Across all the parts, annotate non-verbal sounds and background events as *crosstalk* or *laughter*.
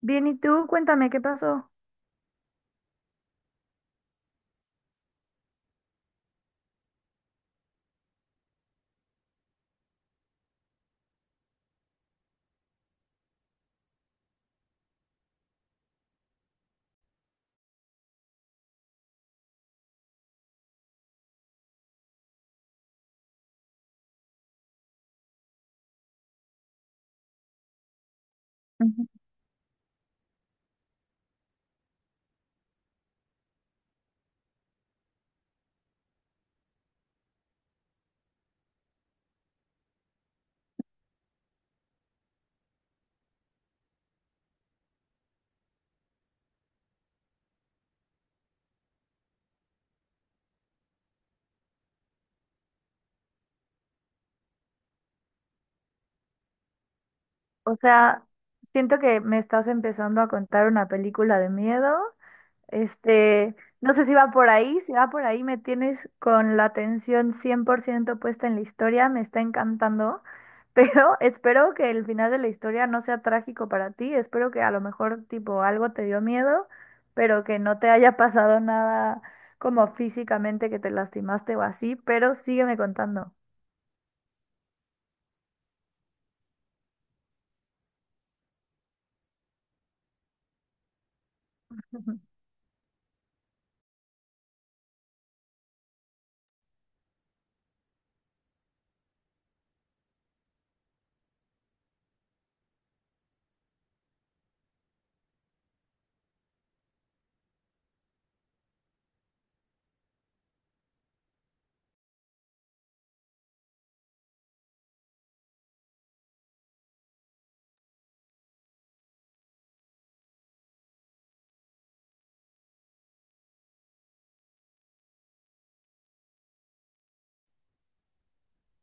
Bien, ¿y tú? Cuéntame qué pasó. O sea, siento que me estás empezando a contar una película de miedo. Este, no sé si va por ahí, si va por ahí me tienes con la atención 100% puesta en la historia, me está encantando, pero *laughs* espero que el final de la historia no sea trágico para ti, espero que a lo mejor tipo algo te dio miedo, pero que no te haya pasado nada como físicamente que te lastimaste o así, pero sígueme contando. *laughs*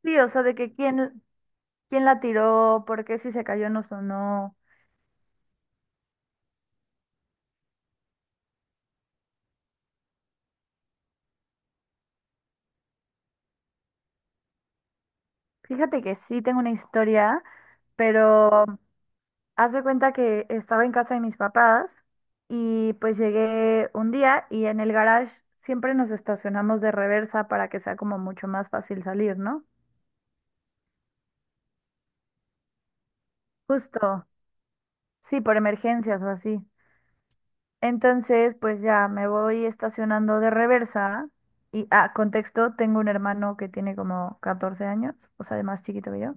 Sí, o sea, de que quién, ¿quién la tiró? ¿Por qué si se cayó no sonó? Fíjate que sí tengo una historia, pero haz de cuenta que estaba en casa de mis papás y pues llegué un día y en el garage siempre nos estacionamos de reversa para que sea como mucho más fácil salir, ¿no? Justo, sí, por emergencias o así. Entonces, pues ya me voy estacionando de reversa y, ah, contexto, tengo un hermano que tiene como 14 años, o sea, de más chiquito que yo.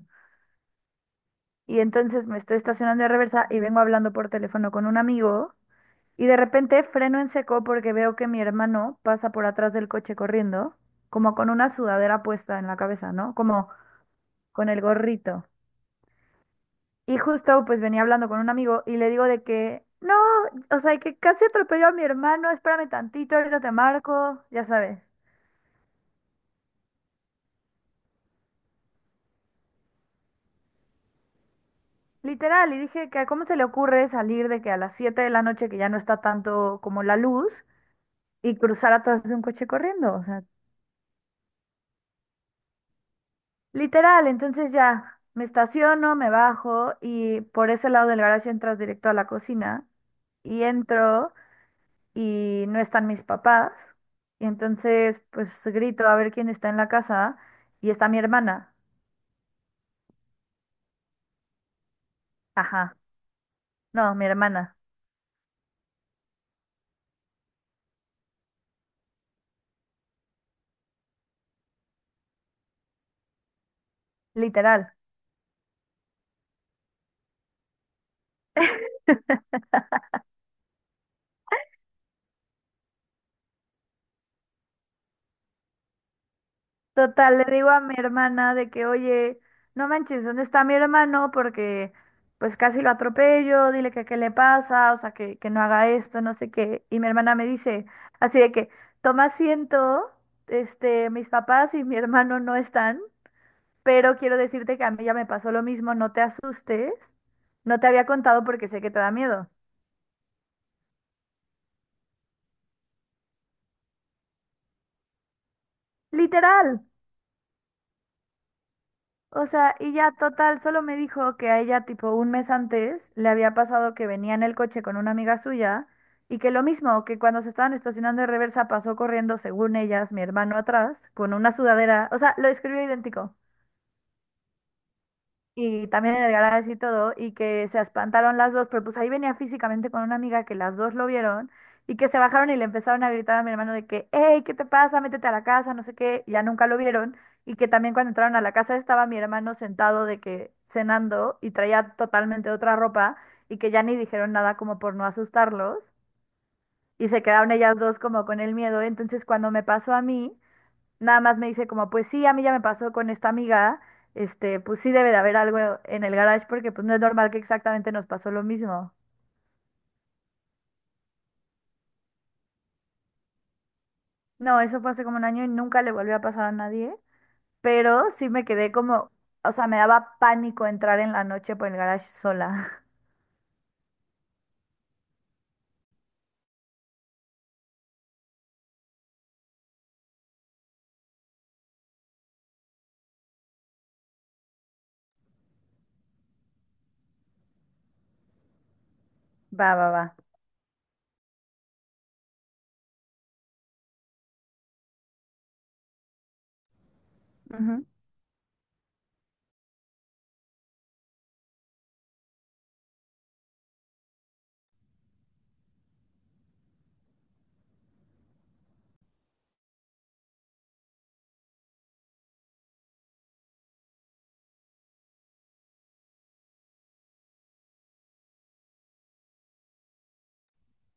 Y entonces me estoy estacionando de reversa y vengo hablando por teléfono con un amigo. Y de repente freno en seco porque veo que mi hermano pasa por atrás del coche corriendo, como con una sudadera puesta en la cabeza, ¿no? Como con el gorrito. Y justo pues venía hablando con un amigo y le digo de que, no, o sea, que casi atropelló a mi hermano, espérame tantito, ahorita te marco, ya sabes. Literal, y dije que cómo se le ocurre salir de que a las 7 de la noche que ya no está tanto como la luz y cruzar atrás de un coche corriendo, o sea, literal, entonces ya me estaciono, me bajo y por ese lado del garaje entras directo a la cocina y entro y no están mis papás y entonces pues grito a ver quién está en la casa y está mi hermana. Ajá, no, mi hermana, literal. Total, le digo a mi hermana de que, oye, no manches, ¿dónde está mi hermano? Porque pues casi lo atropello, dile que qué le pasa, o sea, que no haga esto, no sé qué. Y mi hermana me dice, así de que, toma asiento, este, mis papás y mi hermano no están, pero quiero decirte que a mí ya me pasó lo mismo, no te asustes, no te había contado porque sé que te da miedo. Literal. O sea, y ya total, solo me dijo que a ella tipo un mes antes le había pasado que venía en el coche con una amiga suya y que lo mismo, que cuando se estaban estacionando de reversa pasó corriendo, según ellas, mi hermano atrás, con una sudadera, o sea, lo describió idéntico y también en el garage y todo, y que se espantaron las dos, pero pues ahí venía físicamente con una amiga que las dos lo vieron y que se bajaron y le empezaron a gritar a mi hermano de que, hey, ¿qué te pasa? Métete a la casa, no sé qué, ya nunca lo vieron, y que también cuando entraron a la casa estaba mi hermano sentado de que cenando y traía totalmente otra ropa y que ya ni dijeron nada como por no asustarlos. Y se quedaron ellas dos como con el miedo. Entonces, cuando me pasó a mí, nada más me dice como, pues sí, a mí ya me pasó con esta amiga, este, pues sí debe de haber algo en el garage porque pues no es normal que exactamente nos pasó lo mismo. No, eso fue hace como un año y nunca le volvió a pasar a nadie, pero sí me quedé como, o sea, me daba pánico entrar en la noche por el garage sola. *laughs* Va, va, va. Ujú,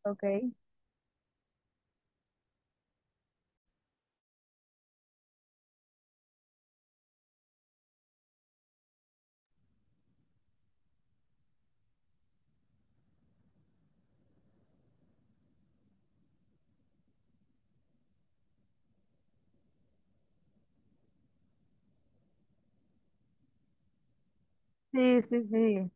ok. Sí, sí, sí.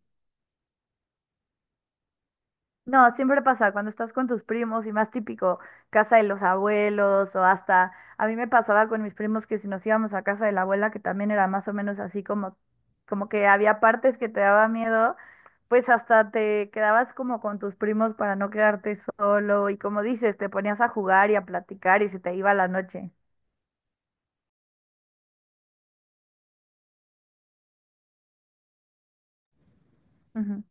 No, siempre pasa cuando estás con tus primos y más típico, casa de los abuelos o hasta, a mí me pasaba con mis primos que si nos íbamos a casa de la abuela, que también era más o menos así como, como que había partes que te daba miedo, pues hasta te quedabas como con tus primos para no quedarte solo y como dices, te ponías a jugar y a platicar y se te iba la noche. Ujú,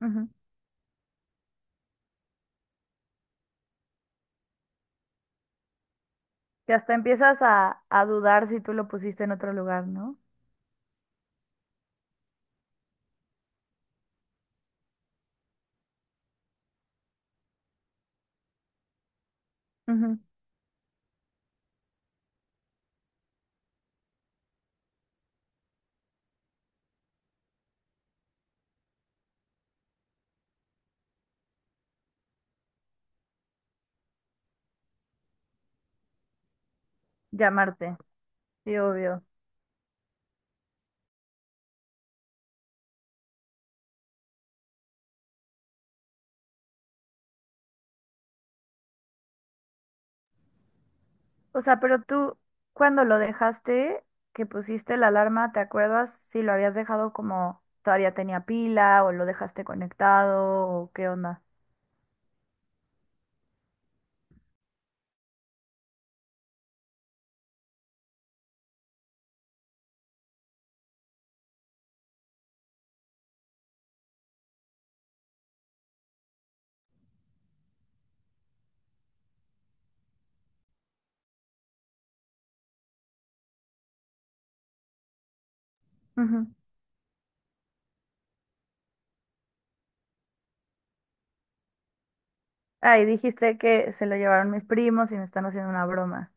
ujú. Que hasta empiezas a dudar si tú lo pusiste en otro lugar, ¿no? Ujú. Llamarte, sí, obvio. O sea, pero tú, cuando lo dejaste, que pusiste la alarma, ¿te acuerdas si lo habías dejado como todavía tenía pila o lo dejaste conectado o qué onda? Ujú. Ah, y dijiste que se lo llevaron mis primos y me están haciendo una broma.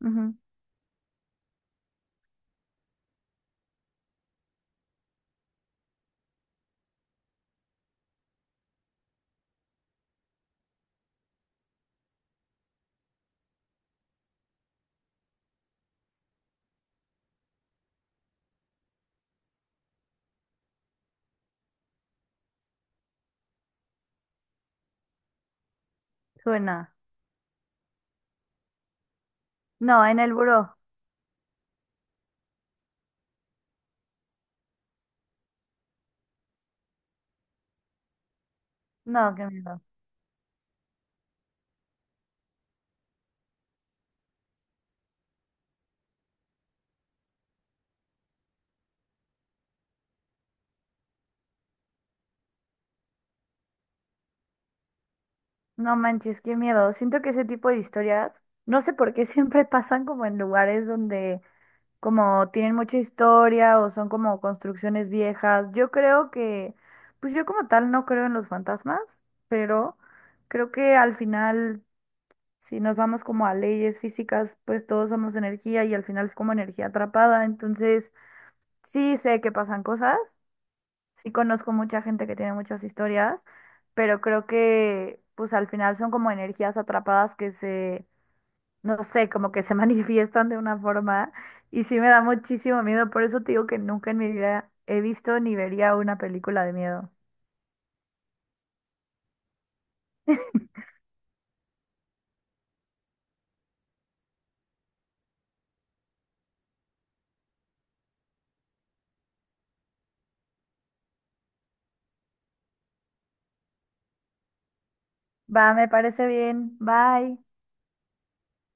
Ujú. Suena. No, en el buró. No, qué miedo. No manches, qué miedo. Siento que ese tipo de historias, no sé por qué *laughs* siempre pasan como en lugares donde como tienen mucha historia o son como construcciones viejas. Yo creo que, pues yo como tal no creo en los fantasmas, pero creo que al final, si nos vamos como a leyes físicas, pues todos somos energía y al final es como energía atrapada. Entonces, sí sé que pasan cosas, sí conozco mucha gente que tiene muchas historias, pero creo que, pues al final son como energías atrapadas que se no sé, como que se *laughs* manifiestan de una forma y sí me da muchísimo miedo, por eso te digo que nunca en mi vida he visto ni vería una película de miedo. Va, me parece bien. Bye.